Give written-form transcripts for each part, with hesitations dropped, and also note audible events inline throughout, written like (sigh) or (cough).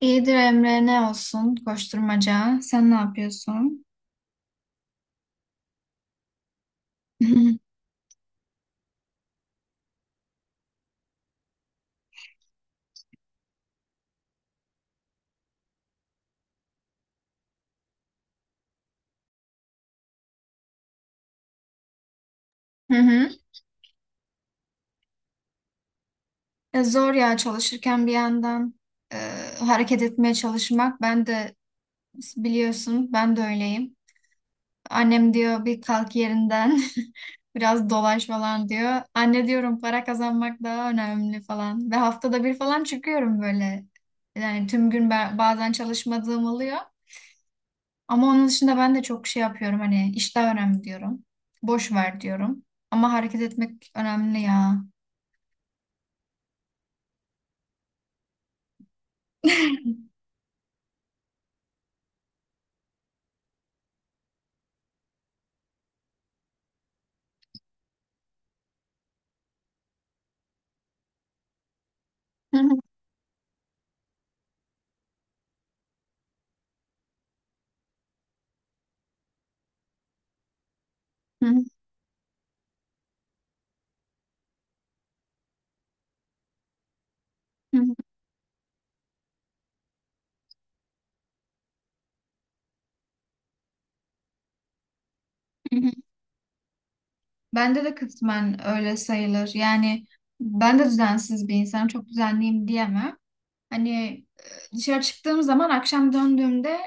İyidir Emre ne olsun koşturmaca. Sen ne yapıyorsun? (laughs) Hı hı. Zor ya çalışırken bir yandan e, hareket etmeye çalışmak. Ben de biliyorsun ben de öyleyim. Annem diyor bir kalk yerinden (laughs) biraz dolaş falan diyor. Anne diyorum para kazanmak daha önemli falan. Ve haftada bir falan çıkıyorum böyle. Yani tüm gün ben, bazen çalışmadığım oluyor. Ama onun dışında ben de çok şey yapıyorum hani iş daha önemli diyorum. Boş ver diyorum. Ama hareket etmek önemli ya. (laughs) Bende de kısmen öyle sayılır. Yani ben de düzensiz bir insanım. Çok düzenliyim diyemem. Hani dışarı çıktığım zaman akşam döndüğümde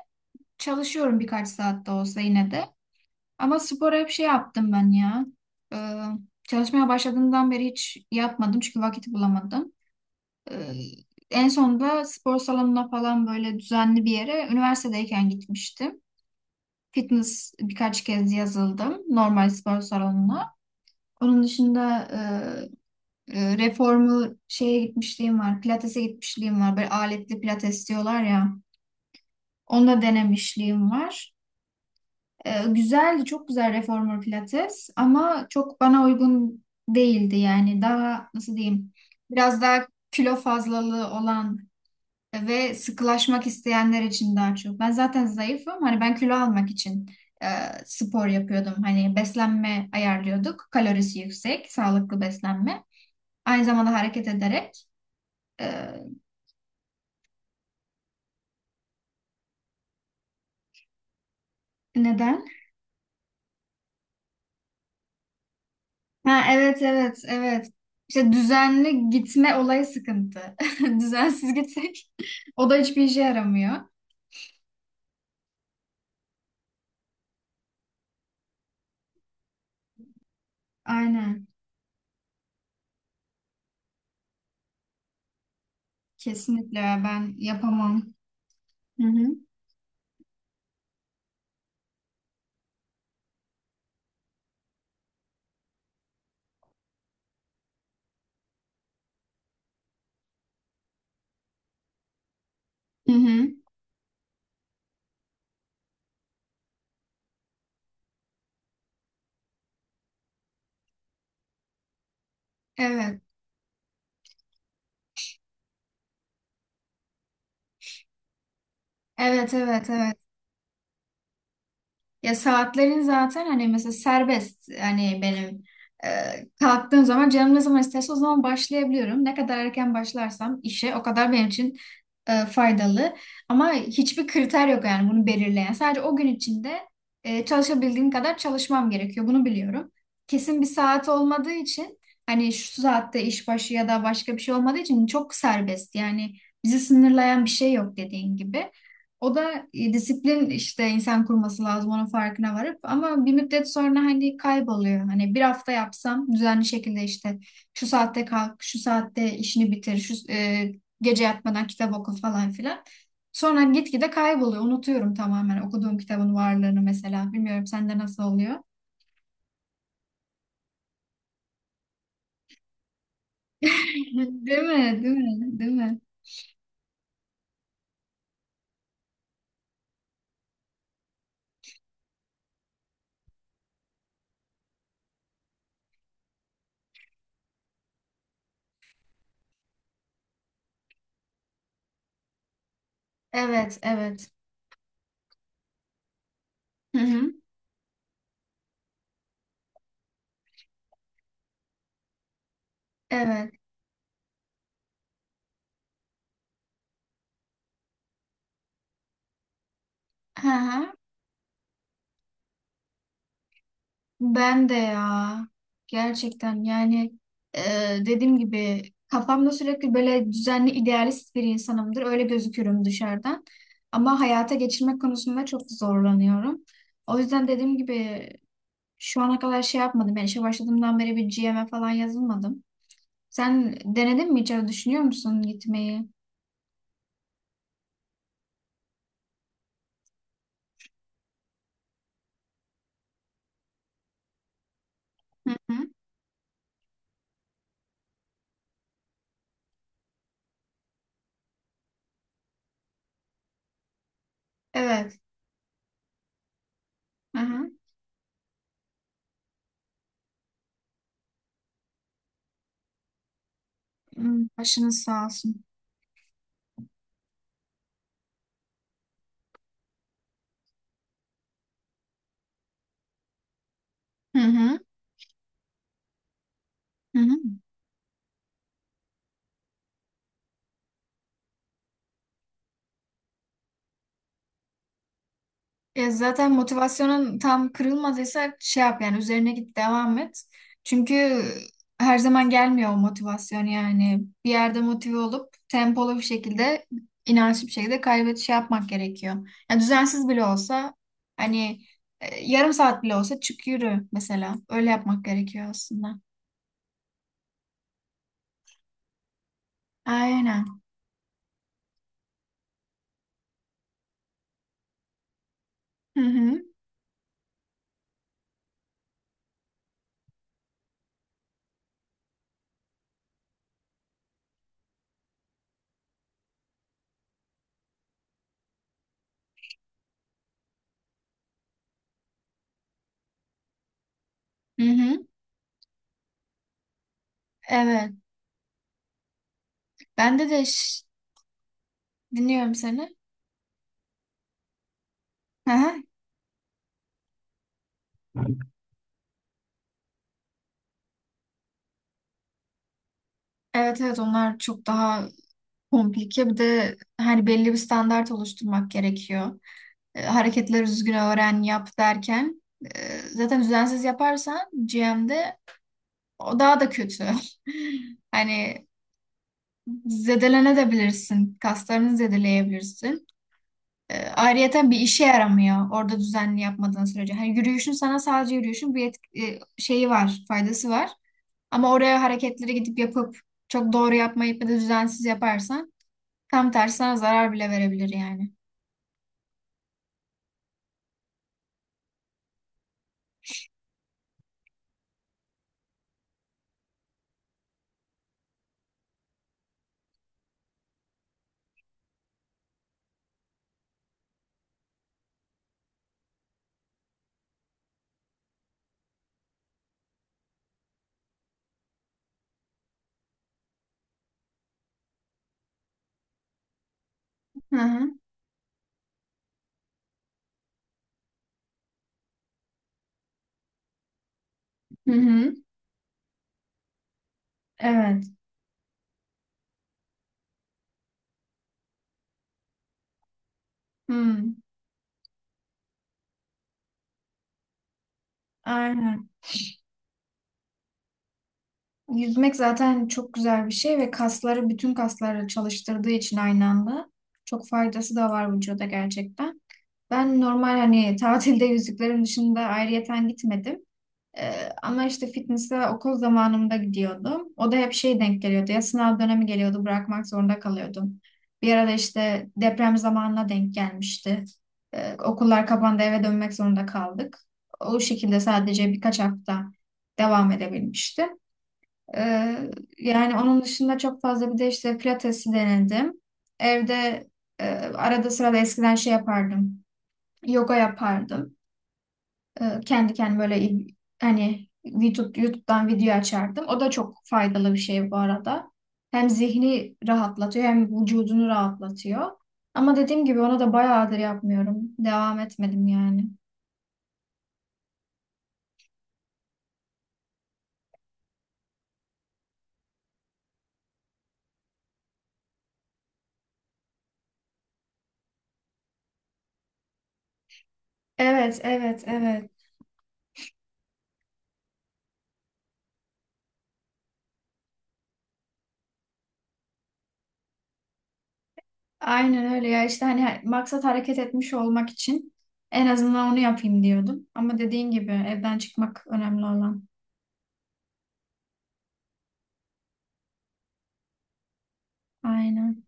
çalışıyorum birkaç saat de olsa yine de. Ama spora hep şey yaptım ben ya. Ee, çalışmaya başladığımdan beri hiç yapmadım çünkü vakit bulamadım. Ee, en sonunda spor salonuna falan böyle düzenli bir yere üniversitedeyken gitmiştim. Fitness birkaç kez yazıldım normal spor salonuna. Onun dışında reformu şeye gitmişliğim var. Pilates'e gitmişliğim var. Böyle aletli pilates diyorlar ya. Onu da denemişliğim var. E, güzeldi, çok güzel reformer pilates ama çok bana uygun değildi yani. Daha nasıl diyeyim? Biraz daha kilo fazlalığı olan ve sıkılaşmak isteyenler için daha çok. Ben zaten zayıfım. Hani ben kilo almak için e, spor yapıyordum. Hani beslenme ayarlıyorduk. Kalorisi yüksek, sağlıklı beslenme. Aynı zamanda hareket ederek. e, Neden? Ha, evet evet evet. İşte düzenli gitme olayı sıkıntı. (laughs) Düzensiz gitsek o da hiçbir işe yaramıyor. Aynen. Kesinlikle ben yapamam. Hı hı. Hı hı. Evet. Evet evet evet. Ya saatlerin zaten hani mesela serbest, hani benim e, kalktığım zaman canım ne zaman isterse o zaman başlayabiliyorum. Ne kadar erken başlarsam işe o kadar benim için faydalı. Ama hiçbir kriter yok yani bunu belirleyen. Sadece o gün içinde çalışabildiğim kadar çalışmam gerekiyor. Bunu biliyorum. Kesin bir saat olmadığı için hani şu saatte iş başı ya da başka bir şey olmadığı için çok serbest. Yani bizi sınırlayan bir şey yok dediğin gibi. O da disiplin işte, insan kurması lazım onun farkına varıp, ama bir müddet sonra hani kayboluyor. Hani bir hafta yapsam düzenli şekilde, işte şu saatte kalk, şu saatte işini bitir, şu gece yatmadan kitap oku falan filan. Sonra gitgide kayboluyor. Unutuyorum tamamen okuduğum kitabın varlığını mesela. Bilmiyorum sende nasıl oluyor? (laughs) Değil mi? Değil mi? Değil mi? Evet, evet. Hı hı. Evet. Hı hı. Ben de ya, gerçekten yani, e, dediğim gibi kafamda sürekli böyle düzenli idealist bir insanımdır. Öyle gözükürüm dışarıdan. Ama hayata geçirmek konusunda çok zorlanıyorum. O yüzden dediğim gibi şu ana kadar şey yapmadım. Yani işe başladığımdan beri bir GM'e falan yazılmadım. Sen denedin mi hiç? Öyle düşünüyor musun gitmeyi? Hı hı. Evet. Hı hı. Hmm, başınız sağ olsun. Hı hı. Hı hı. Ya zaten motivasyonun tam kırılmadıysa şey yap yani, üzerine git, devam et. Çünkü her zaman gelmiyor o motivasyon yani. Bir yerde motive olup tempolu bir şekilde, inançlı bir şekilde kaybet şey yapmak gerekiyor. Yani düzensiz bile olsa hani yarım saat bile olsa çık yürü mesela. Öyle yapmak gerekiyor aslında. Aynen. Hı hı. Hı hı. Evet. Bende de dinliyorum seni. Hı hı. Evet evet, onlar çok daha komplike, bir de hani belli bir standart oluşturmak gerekiyor. E, hareketleri düzgün öğren, yap derken zaten düzensiz yaparsan GM'de o daha da kötü. (laughs) Hani zedelenebilirsin, kaslarını zedeleyebilirsin. E, ayrıyeten bir işe yaramıyor orada düzenli yapmadığın sürece. Hani yürüyüşün sana, sadece yürüyüşün bir şeyi var, faydası var. Ama oraya hareketleri gidip yapıp çok doğru yapmayıp ya da düzensiz yaparsan, tam tersi sana zarar bile verebilir yani. Hı hı. Hı hı. Evet. Hı. Aynen. Yüzmek zaten çok güzel bir şey ve kasları, bütün kasları çalıştırdığı için aynı anda çok faydası da var vücuda gerçekten. Ben normal hani tatilde (laughs) yüzüklerim dışında ayrıyeten gitmedim. Ama işte fitness'e okul zamanımda gidiyordum. O da hep şey denk geliyordu. Ya sınav dönemi geliyordu, bırakmak zorunda kalıyordum. Bir arada işte deprem zamanına denk gelmişti. Okullar kapandı, eve dönmek zorunda kaldık. O şekilde sadece birkaç hafta devam edebilmişti. Ee, yani onun dışında çok fazla, bir de işte pilatesi denedim. Evde arada sırada eskiden şey yapardım. Yoga yapardım. E, kendi kendime böyle hani YouTube'dan video açardım. O da çok faydalı bir şey bu arada. Hem zihni rahatlatıyor hem vücudunu rahatlatıyor. Ama dediğim gibi ona da bayağıdır yapmıyorum. Devam etmedim yani. Evet, evet, evet. Aynen öyle ya, işte hani maksat hareket etmiş olmak için en azından onu yapayım diyordum. Ama dediğin gibi evden çıkmak önemli olan. Aynen.